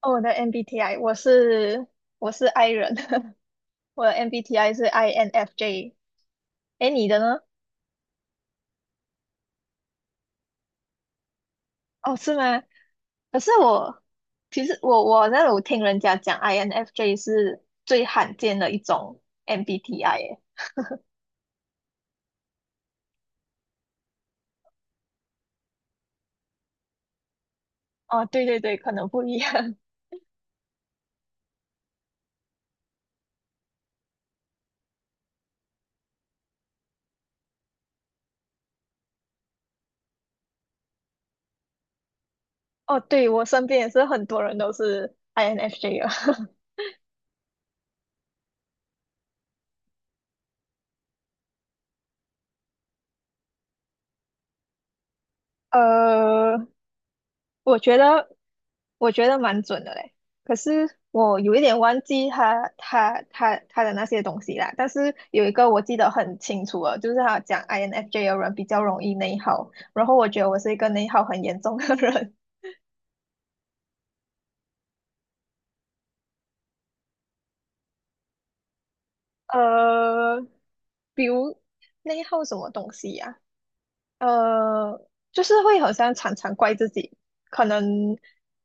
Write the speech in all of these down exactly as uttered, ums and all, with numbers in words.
哦，我的 M B T I 我是我是 I 人，我的 M B T I 是 I N F J。哎，你的呢？哦，是吗？可是我其实我我那我听人家讲 I N F J 是最罕见的一种 M B T I 诶。哦，对对对，可能不一样。哦，对，我身边也是很多人都是 I N F J 了。呃，我觉得我觉得蛮准的嘞，可是我有一点忘记他他他他的那些东西啦。但是有一个我记得很清楚了，就是他讲 I N F J 的人比较容易内耗，然后我觉得我是一个内耗很严重的人。呃，比如内耗什么东西呀、呃，就是会好像常常怪自己，可能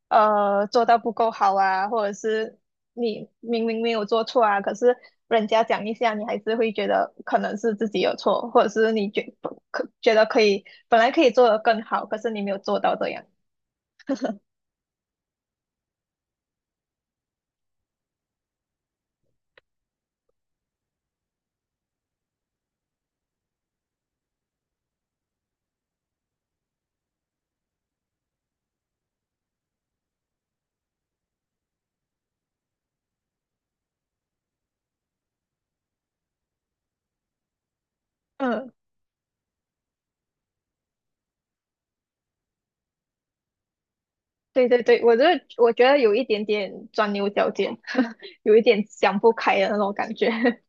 呃做到不够好啊，或者是你明明没有做错啊，可是人家讲一下，你还是会觉得可能是自己有错，或者是你觉不可觉得可以本来可以做得更好，可是你没有做到这样。嗯，对对对，我这我觉得有一点点钻牛角尖，有一点想不开的那种感觉。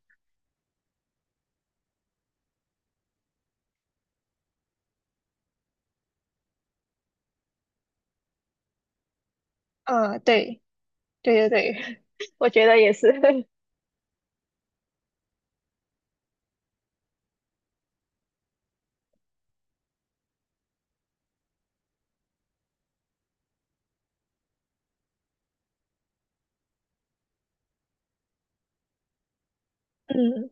嗯，对对对对，我觉得也是。嗯，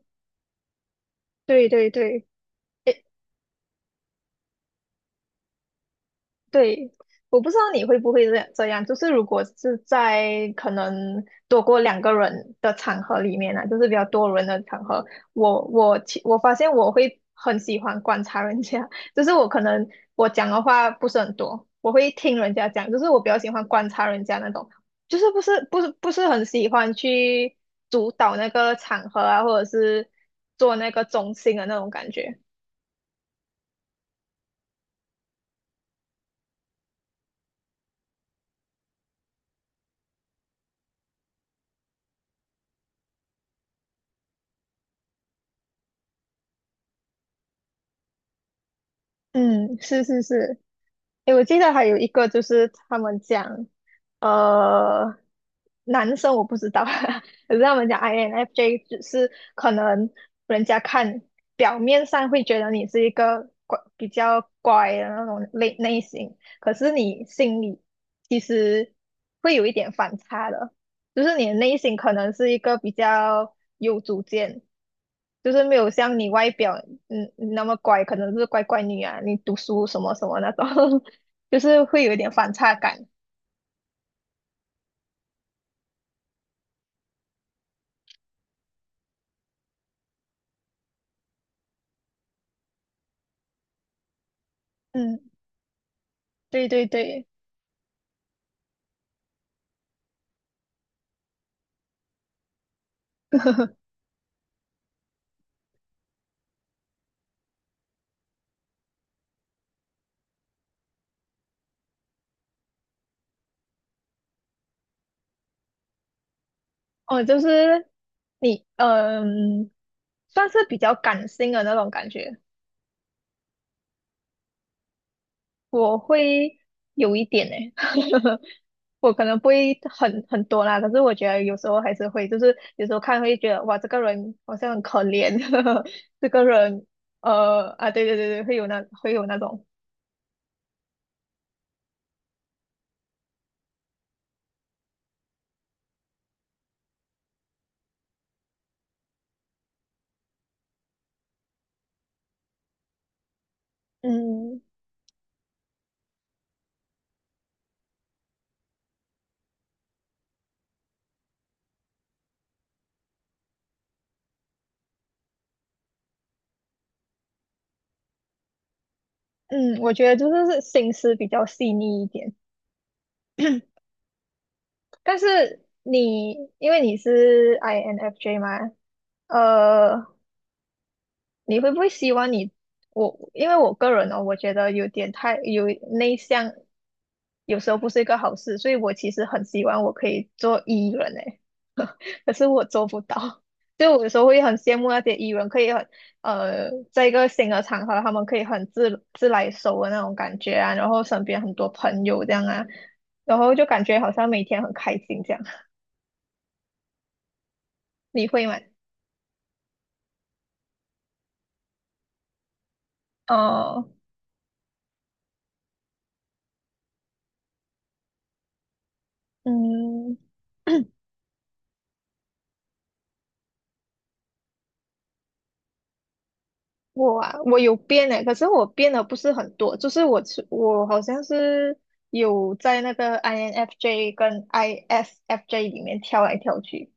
对对对。诶，对，我不知道你会不会这样这样，就是如果是在可能多过两个人的场合里面啊，就是比较多人的场合，我我其我发现我会很喜欢观察人家，就是我可能我讲的话不是很多，我会听人家讲，就是我比较喜欢观察人家那种，就是不是不是不是很喜欢去主导那个场合啊，或者是做那个中心的那种感觉。嗯，是是是。诶，我记得还有一个就是他们讲，呃，男生我不知道，可是他们讲 I N F J 只是可能人家看表面上会觉得你是一个乖比较乖的那种类类型，可是你心里其实会有一点反差的，就是你的内心可能是一个比较有主见，就是没有像你外表嗯那么乖，可能是乖乖女啊，你读书什么什么那种，就是会有一点反差感。嗯，对对对，哦，就是你嗯，算是比较感性的那种感觉，我会有一点呢、我可能不会很很多啦，可是我觉得有时候还是会，就是有时候看会觉得哇，这个人好像很可怜，这个人呃啊，对对对对，会有那会有那种。嗯嗯，我觉得就是心思比较细腻一点。但是你因为你是 I N F J 嘛，呃，你会不会希望你我？因为我个人呢、哦，我觉得有点太有内向，有时候不是一个好事，所以我其实很希望我可以做艺人诶，可是我做不到。就我有时候会很羡慕那些艺人，可以很呃，在一个新的场合，他们可以很自自来熟的那种感觉啊，然后身边很多朋友这样啊，然后就感觉好像每天很开心这样。你会吗？哦，嗯。我啊，我有变诶，可是我变的不是很多，就是我是我好像是有在那个 I N F J 跟 I S F J 里面跳来跳去。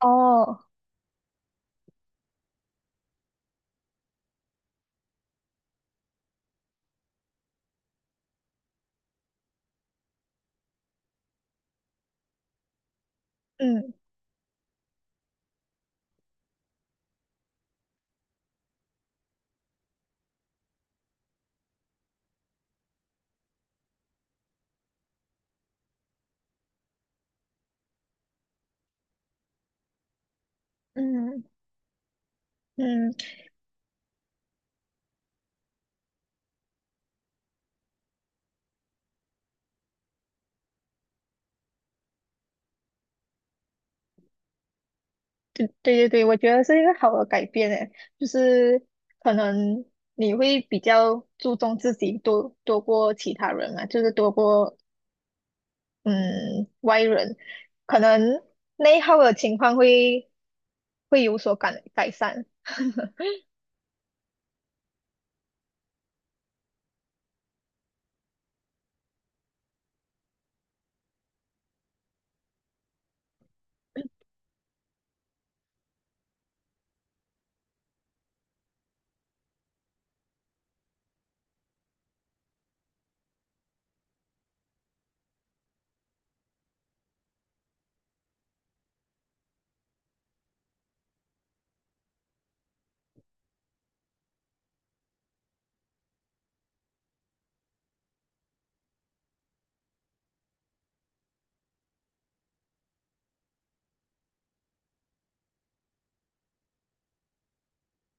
哦，嗯嗯嗯，对对对对，我觉得是一个好的改变诶，就是可能你会比较注重自己多多过其他人嘛，就是多过嗯外人，可能内耗的情况会会有所改改善。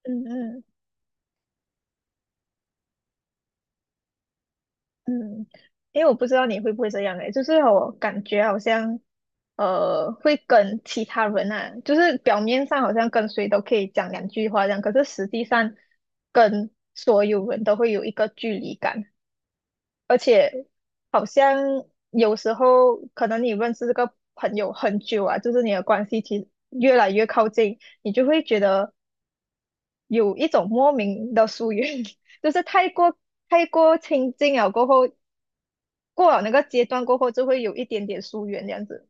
嗯嗯。嗯，因为我不知道你会不会这样诶，就是我感觉好像，呃，会跟其他人啊，就是表面上好像跟谁都可以讲两句话这样，可是实际上跟所有人都会有一个距离感，而且好像有时候可能你认识这个朋友很久啊，就是你的关系其实越来越靠近，你就会觉得有一种莫名的疏远。就是太过太过亲近了过后，过了那个阶段过后，就会有一点点疏远，这样子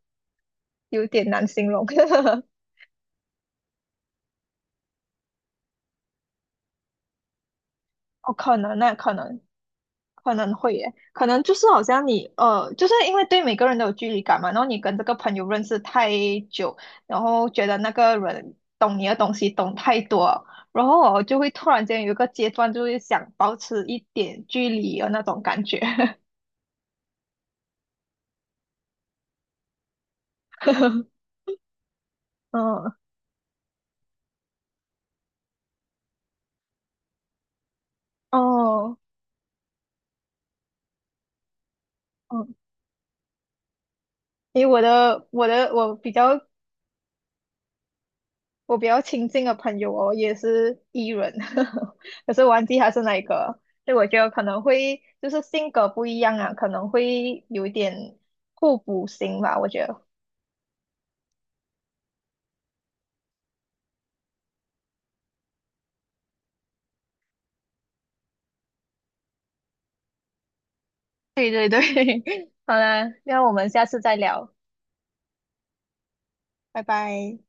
有点难形容。哦，可能那、可能可能会耶，可能就是好像你呃，就是因为对每个人都有距离感嘛，然后你跟这个朋友认识太久，然后觉得那个人懂你的东西懂太多，然后我就会突然间有一个阶段，就会想保持一点距离的那种感觉。嗯，哦，嗯，因为我的我的我比较我比较亲近的朋友哦，也是 E 人，可是忘记他是哪一个。所以我觉得可能会就是性格不一样啊，可能会有一点互补型吧，我觉得。对对对，好啦，那我们下次再聊，拜拜。